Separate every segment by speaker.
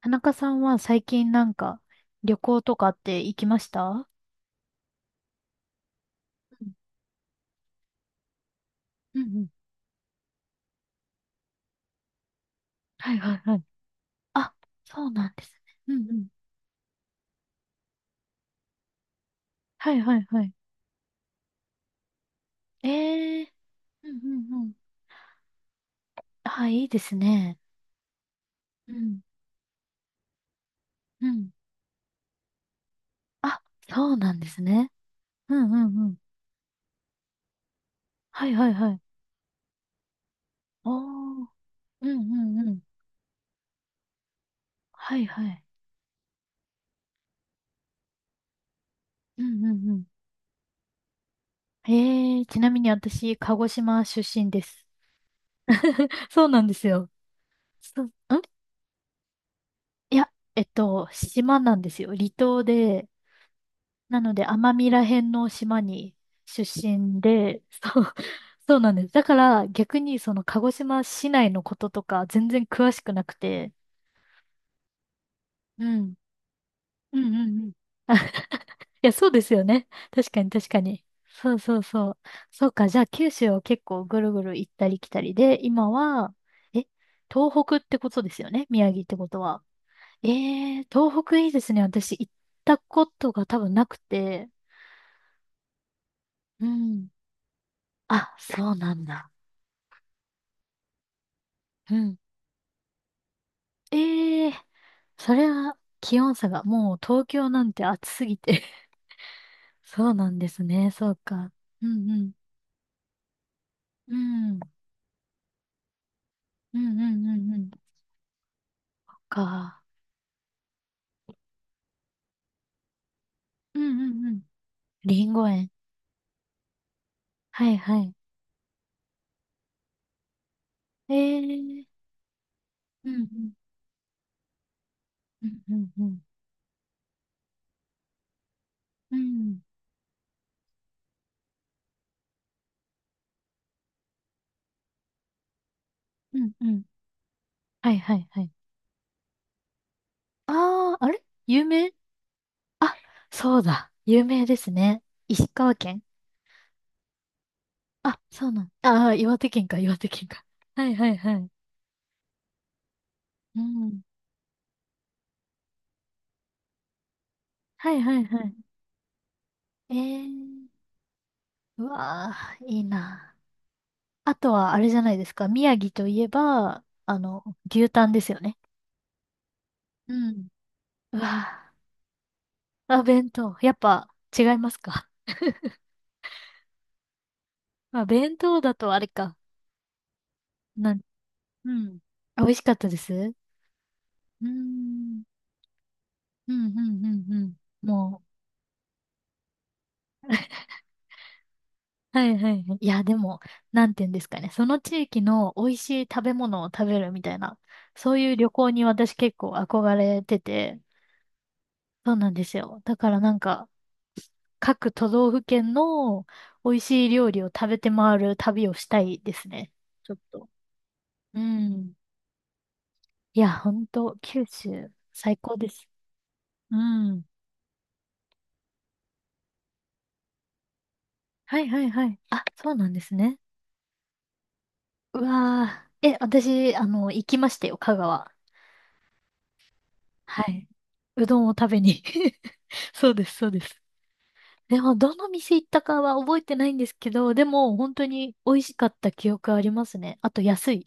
Speaker 1: 田中さんは最近なんか旅行とかって行きました？うんうんうん。はいはいはい。あ、そうなんですね。うんうん。はいはいはい。ええ、うんうんうん。あ、いいですね。うんうん、あ、そうなんですね。うんうんうん。はいはいはい。おー、うんうんうん。はいはい。うんうんうん。ええ、ちなみに私、鹿児島出身です。そうなんですよ。そう、ん、いや、島なんですよ。離島で、なので、奄美ら辺の島に出身で、そう、そうなんです。だから、逆にその鹿児島市内のこととか全然詳しくなくて、うん。うんうんうん。あ いや、そうですよね。確かに確かに。そうそうそう。そうか、じゃあ九州を結構ぐるぐる行ったり来たりで、今は、え、東北ってことですよね。宮城ってことは。えー、東北いいですね。私行ったことが多分なくて。うん。あ、そうなんだ。うん。ええー、それは気温差が、もう東京なんて暑すぎて そうなんですね、そうか。うんうん。うん。うんうんうんうん。か。うんうんうん。りんご園。はいはい。ええー。うんうん。うんうんうん。うん。うんうん。はいはいはい。ああ、あれ有名？あ、そうだ。有名ですね。石川県。あ、そうなん。ああ、岩手県か、岩手県か。はいはいはい。うん。はいはいはい。えー、うわー、いいな。あとは、あれじゃないですか。宮城といえば、牛タンですよね。うん。うわー、あ、弁当。やっぱ、違いますか？まあ、弁当だとあれか。なん、うん。あ、美味しかったです。うーん。うん、うん、うん、うん。もう。はいはいはい。いや、でも、なんて言うんですかね。その地域の美味しい食べ物を食べるみたいな、そういう旅行に私結構憧れてて、そうなんですよ。だからなんか、各都道府県の美味しい料理を食べて回る旅をしたいですね。ちょっと。うん。いや、ほんと、九州、最高です。うん。はいはいはい。あ、そうなんですね。うわー。え、私、行きましたよ、香川。はい。うどんを食べに。そうです、そうです。でも、どの店行ったかは覚えてないんですけど、でも、本当に美味しかった記憶ありますね。あと、安い。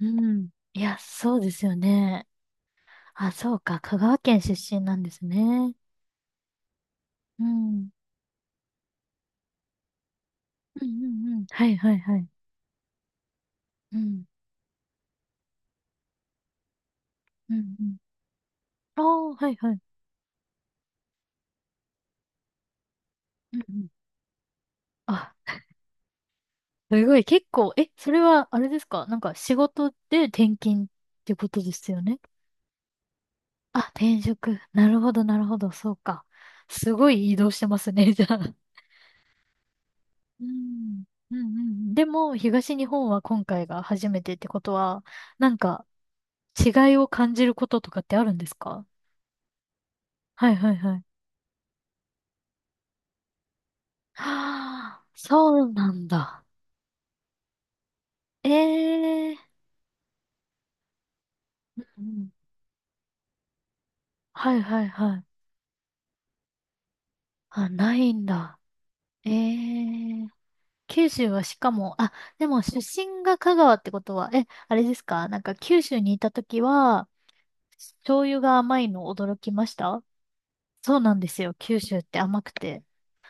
Speaker 1: うん。いや、そうですよね。あ、そうか。香川県出身なんですね。うん。うんうんうん。はいはいはい。うん。うんうん。ああ、はいはい。うんうん。あ、すごい。結構、え、それは、あれですか、なんか仕事で転勤ってことですよね。あ、転職。なるほどなるほど。そうか。すごい移動してますね、じゃあ。うん、うん、うん。でも、東日本は今回が初めてってことは、なんか、違いを感じることとかってあるんですか？はいはいはい。はあ、そうなんだ。ええ、うんうん、はいはいはい。あ、ないんだ。ええ、九州はしかも、あ、でも出身が香川ってことは、え、あれですか、なんか九州にいた時は、醤油が甘いの驚きました？そうなんですよ。九州って甘くて。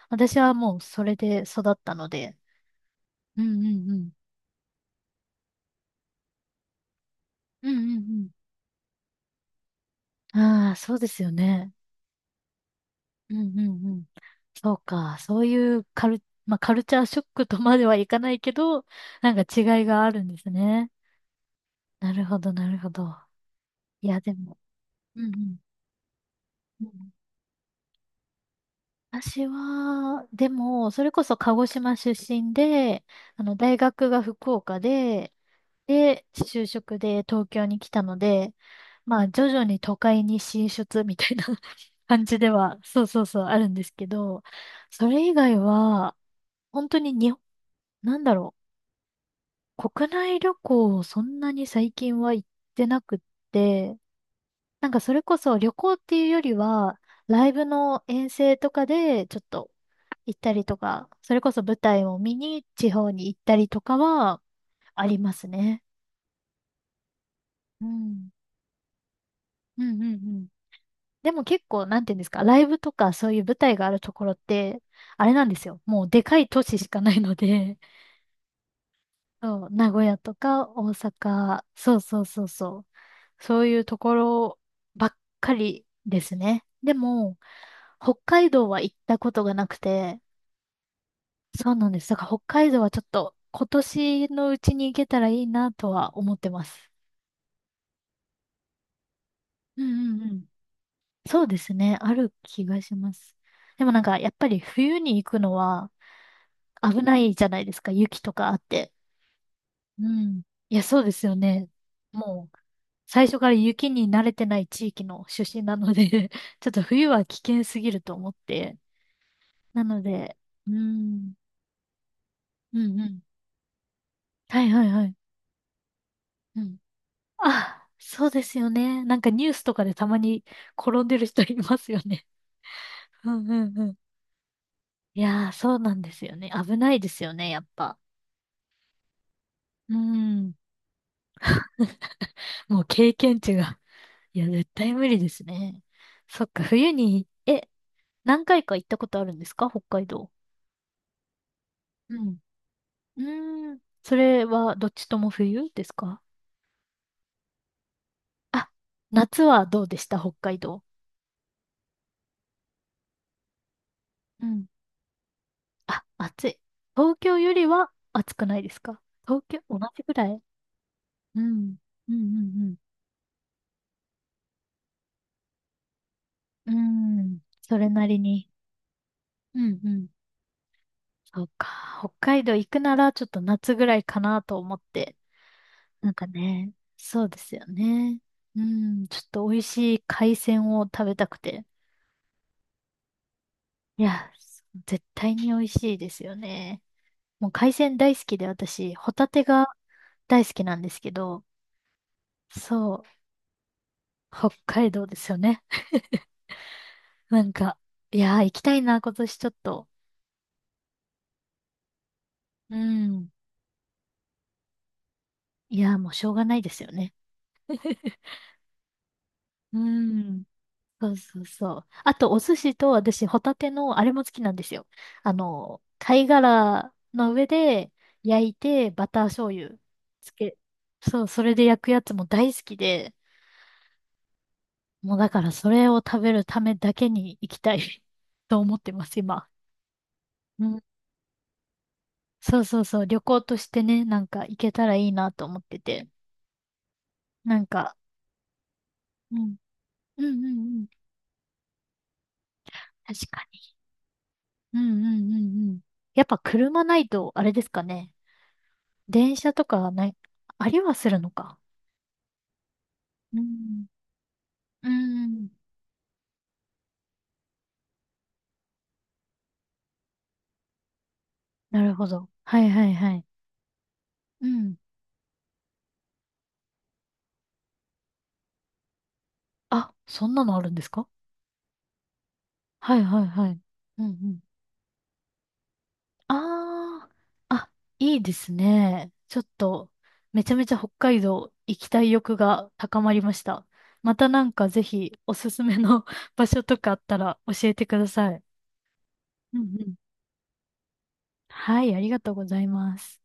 Speaker 1: 私はもうそれで育ったので。うんうんうん。うんうんうん。ああ、そうですよね。うんうんうん。そうか。そういうカル、まあ、カルチャーショックとまではいかないけど、なんか違いがあるんですね。なるほど、なるほど。いや、でも。うんうん。うん、私は、でも、それこそ鹿児島出身で、大学が福岡で、で、就職で東京に来たので、まあ、徐々に都会に進出みたいな 感じでは、そうそうそう、あるんですけど、それ以外は、本当に日本、なんだろう、国内旅行をそんなに最近は行ってなくって、なんかそれこそ旅行っていうよりは、ライブの遠征とかでちょっと行ったりとか、それこそ舞台を見に地方に行ったりとかはありますね。うん。うんうんうん、でも結構、なんていうんですか、ライブとかそういう舞台があるところって、あれなんですよ。もうでかい都市しかないので、そう、名古屋とか大阪、そうそうそうそう、そういうところばっかりですね。でも、北海道は行ったことがなくて、そうなんです。だから北海道はちょっと今年のうちに行けたらいいなとは思ってます。うんうんうん。そうですね。ある気がします。でもなんか、やっぱり冬に行くのは、危ないじゃないですか、雪とかあって。うん。いや、そうですよね。もう、最初から雪に慣れてない地域の出身なので ちょっと冬は危険すぎると思って。なので、うん、うんうん。はいはいはい。うん。あ、そうですよね。なんかニュースとかでたまに転んでる人いますよね。うんうんうん。いやー、そうなんですよね。危ないですよね、やっぱ。うん。もう経験値が、いや、絶対無理ですね。そっか、冬に、え、何回か行ったことあるんですか、北海道？うん。うーん。それはどっちとも冬ですか？あ、夏はどうでした、北海道？うん。あ、暑い。東京よりは暑くないですか？東京、同じぐらい？うん。うんうんうん。うーん。それなりに。うんうん。そうか。北海道行くならちょっと夏ぐらいかなと思って。なんかね、そうですよね。うん、ちょっと美味しい海鮮を食べたくて。いや、絶対に美味しいですよね。もう海鮮大好きで私、ホタテが大好きなんですけど、そう、北海道ですよね。なんか、いやー、行きたいな、今年ちょっと。うん。いやー、もうしょうがないですよね。うん。そうそうそう。あと、お寿司と私、ホタテの、あれも好きなんですよ。貝殻の上で焼いて、バター醤油つけ、そう、それで焼くやつも大好きで、もうだからそれを食べるためだけに行きたい と思ってます、今。うん。そうそうそう、旅行としてね、なんか行けたらいいなと思ってて。なんか、うん。うんうんうん。確かに。うんうんうんうん。やっぱ車ないと、あれですかね。電車とかはない、ありはするのか。うん。うん。なるほど。はいはいはい。うん。あ、そんなのあるんですか？はいはいはい。うんうん。ああ、あ、いいですね。ちょっと、めちゃめちゃ北海道行きたい欲が高まりました。またなんかぜひおすすめの 場所とかあったら教えてください。うんうん。はい、ありがとうございます。